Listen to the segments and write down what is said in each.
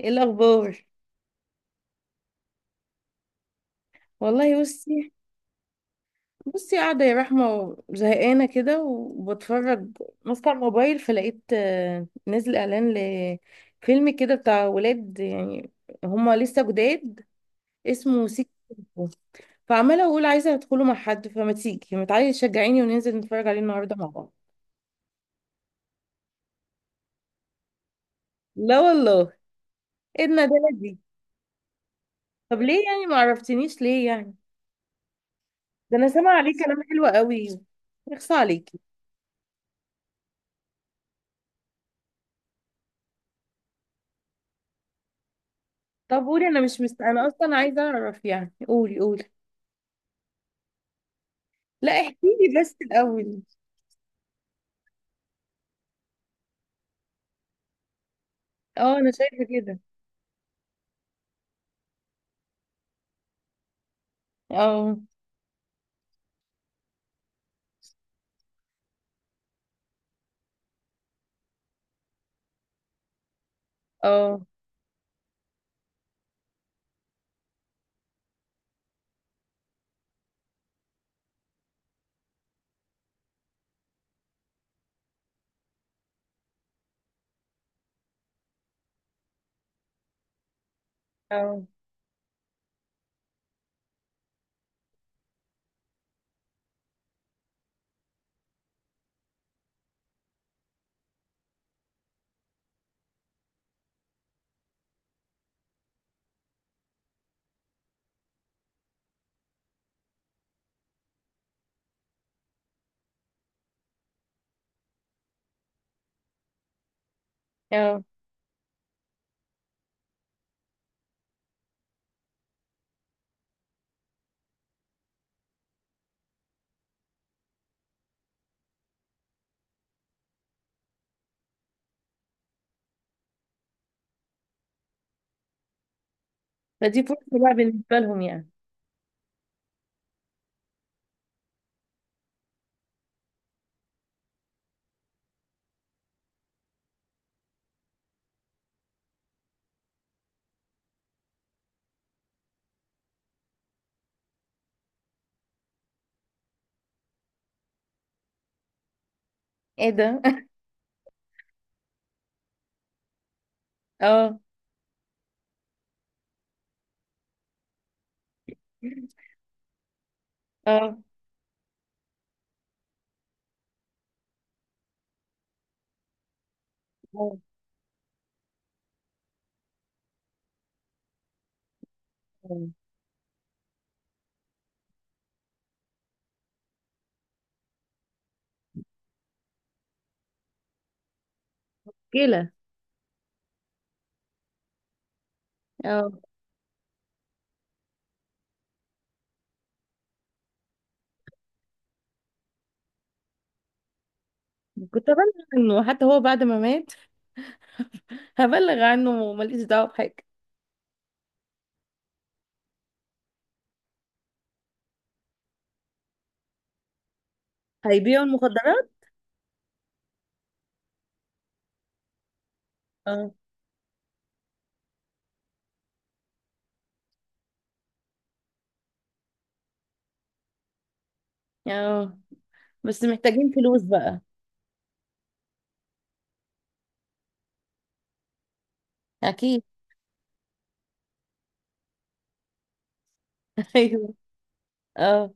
ايه الاخبار؟ والله بصي، بصي، قاعده يا رحمه زهقانه كده وبتفرج، ماسكه الموبايل فلقيت نزل اعلان لفيلم كده بتاع ولاد يعني، هما لسه جداد، اسمه سيكو. سيكو. فعماله اقول عايزه ادخله مع حد، فما تيجي ما تعالي تشجعيني وننزل نتفرج عليه النهارده مع بعض. لا والله. ايه الندالة دي؟ طب ليه يعني؟ ما عرفتنيش ليه يعني؟ ده انا سامعه عليه كلام حلو قوي. يخص عليك. طب قولي، انا مش مست... انا اصلا عايزه اعرف يعني، قولي قولي. لا احكي لي بس الاول. اه، انا شايفه كده. اه. اه. اه. اه. فدي فرصه بقى بالنسبه لهم يعني. ايه ده؟ اه. اه. اه. آه. كده. اه. كنت ابلغ عنه حتى هو بعد ما مات، هبلغ عنه وماليش دعوه بحاجه. هيبيعوا المخدرات. اه. اه، بس محتاجين فلوس بقى. اكيد. ايوه. اه.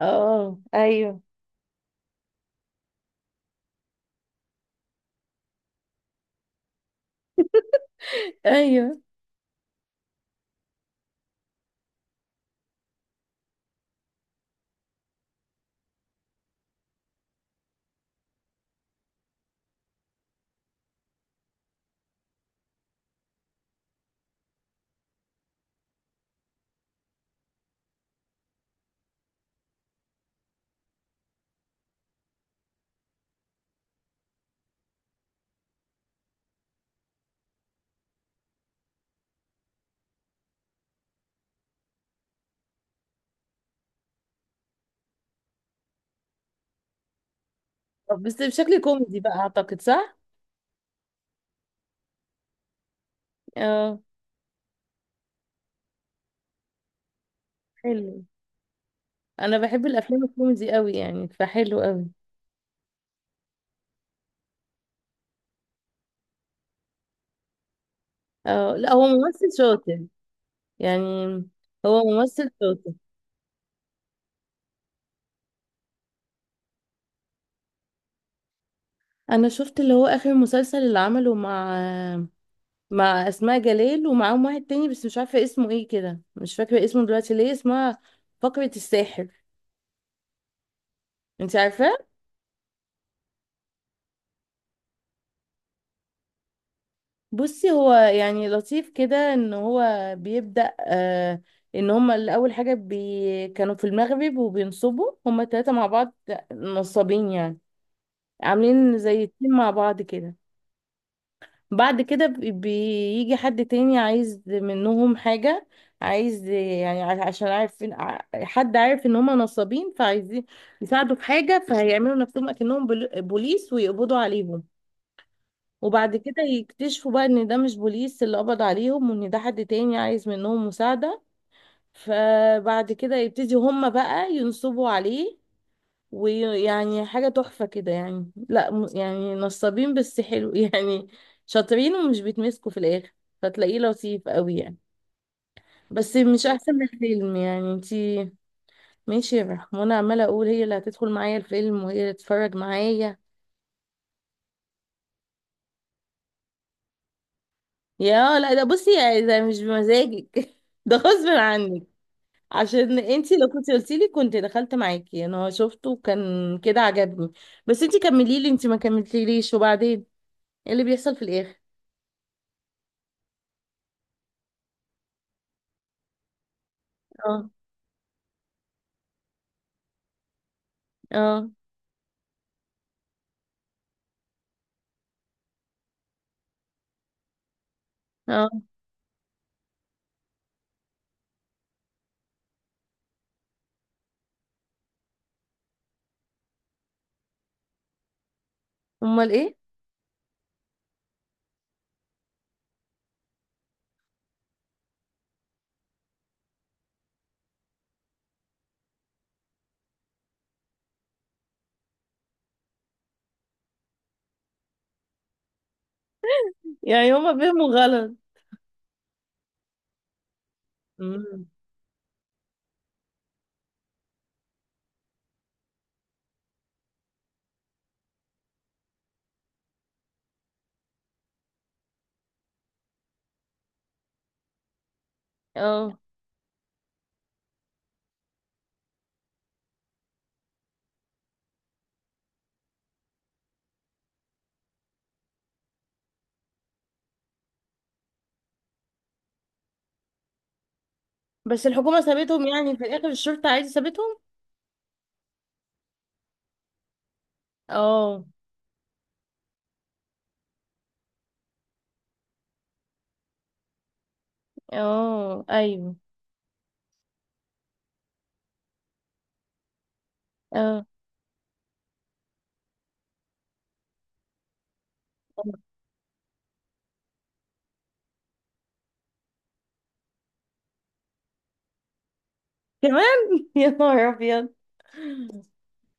اه. ايوه. ايوه. طب بس بشكل كوميدي بقى اعتقد، صح؟ اه. حلو. انا بحب الافلام الكوميدي قوي يعني، فحلو قوي. اه، لا هو ممثل شاطر يعني. هو ممثل شاطر. انا شفت اللي هو اخر مسلسل اللي عمله مع مع اسماء جلال، ومعاهم واحد تاني بس مش عارفه اسمه ايه كده، مش فاكره اسمه دلوقتي. ليه اسمها فقرة الساحر. انت عارفه؟ بصي، هو يعني لطيف كده، ان هو بيبدأ ان هما الاول حاجة كانوا في المغرب وبينصبوا هما التلاتة مع بعض، نصابين يعني، عاملين زي التيم مع بعض كده. بعد كده بيجي حد تاني عايز منهم حاجة، عايز يعني عشان عارفين، حد عارف ان هما نصابين، فعايزين يساعدوا في حاجة، فهيعملوا نفسهم اكنهم بوليس ويقبضوا عليهم. وبعد كده يكتشفوا بقى ان ده مش بوليس اللي قبض عليهم، وان ده حد تاني عايز منهم مساعدة. فبعد كده يبتدي هما بقى ينصبوا عليه، ويعني حاجة تحفة كده يعني، لا م- يعني نصابين بس حلو يعني، شاطرين ومش بيتمسكوا في الآخر، فتلاقيه لطيف قوي يعني. بس مش احسن من الفيلم يعني انتي. ماشي يا رحمة، وانا عمالة اقول هي اللي هتدخل معايا الفيلم وهي اللي تتفرج معايا. يا لا، ده بصي يعني، ده مش بمزاجك ده غصب عنك. عشان انتي لو كنت قلتي لي كنت دخلت معاكي، انا شفته وكان كده عجبني. بس انتي كملي لي، انتي ما كملتيليش. وبعدين ايه اللي بيحصل في الاخر؟ اه. اه. اه. امال ايه؟ يعني هما فهموا غلط. مم. اه، بس الحكومة سابتهم يعني في الاخر؟ الشرطة عادي سابتهم؟ اه. اه. ايوه. اه. كمان؟ يا نهار ابيض.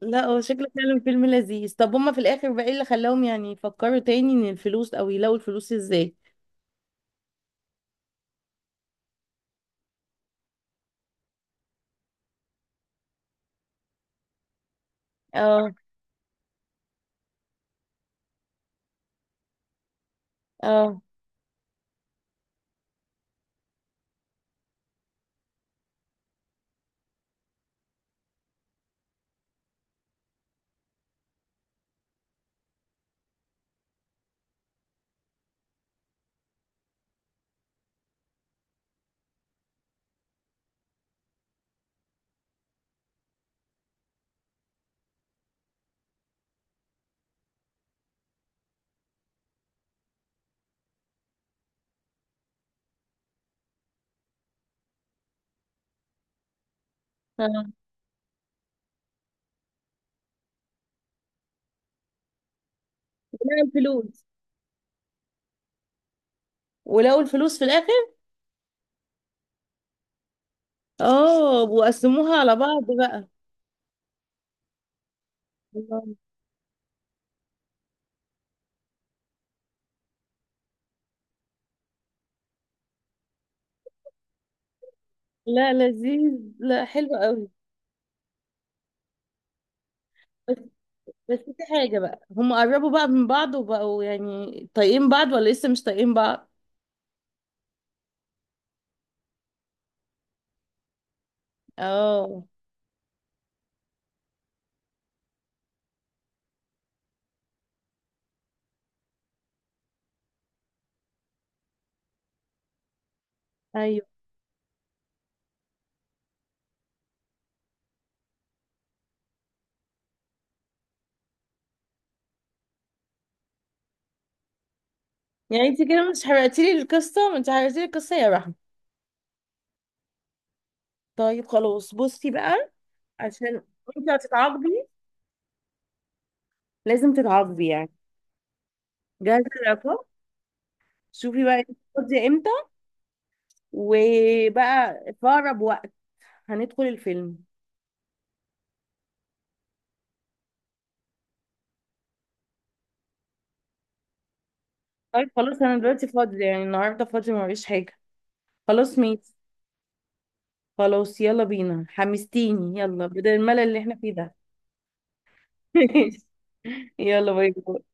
لا هو شكله فعلا فيلم لذيذ. طب هما في الاخر بقى ايه اللي خلاهم يعني يفكروا تاني ان الفلوس، او يلاقوا الفلوس ازاي؟ اه. اه. آه. ولقوا الفلوس، ولقوا الفلوس في الاخر. اه، وقسموها على بعض بقى. الله. لا لذيذ. لا حلو قوي. بس بس في حاجة بقى، هم قربوا بقى من بعض وبقوا يعني طايقين بعض، ولا لسه مش طايقين بعض؟ اه. ايوه. يعني انت كده مش حرقتي لي القصة؟ ما انت حرقتي لي القصة يا رحمة. طيب خلاص بصي بقى، عشان انت هتتعاقبي، لازم تتعاقبي يعني. جاهزة العقاب. شوفي بقى، انت فاضية امتى؟ وبقى في اقرب وقت هندخل الفيلم. طيب خلاص انا دلوقتي فاضي يعني، النهارده فاضي ما فيش حاجه. خلاص ميت. خلاص يلا بينا، حمستيني، يلا بدل الملل اللي احنا فيه ده. يلا، باي باي.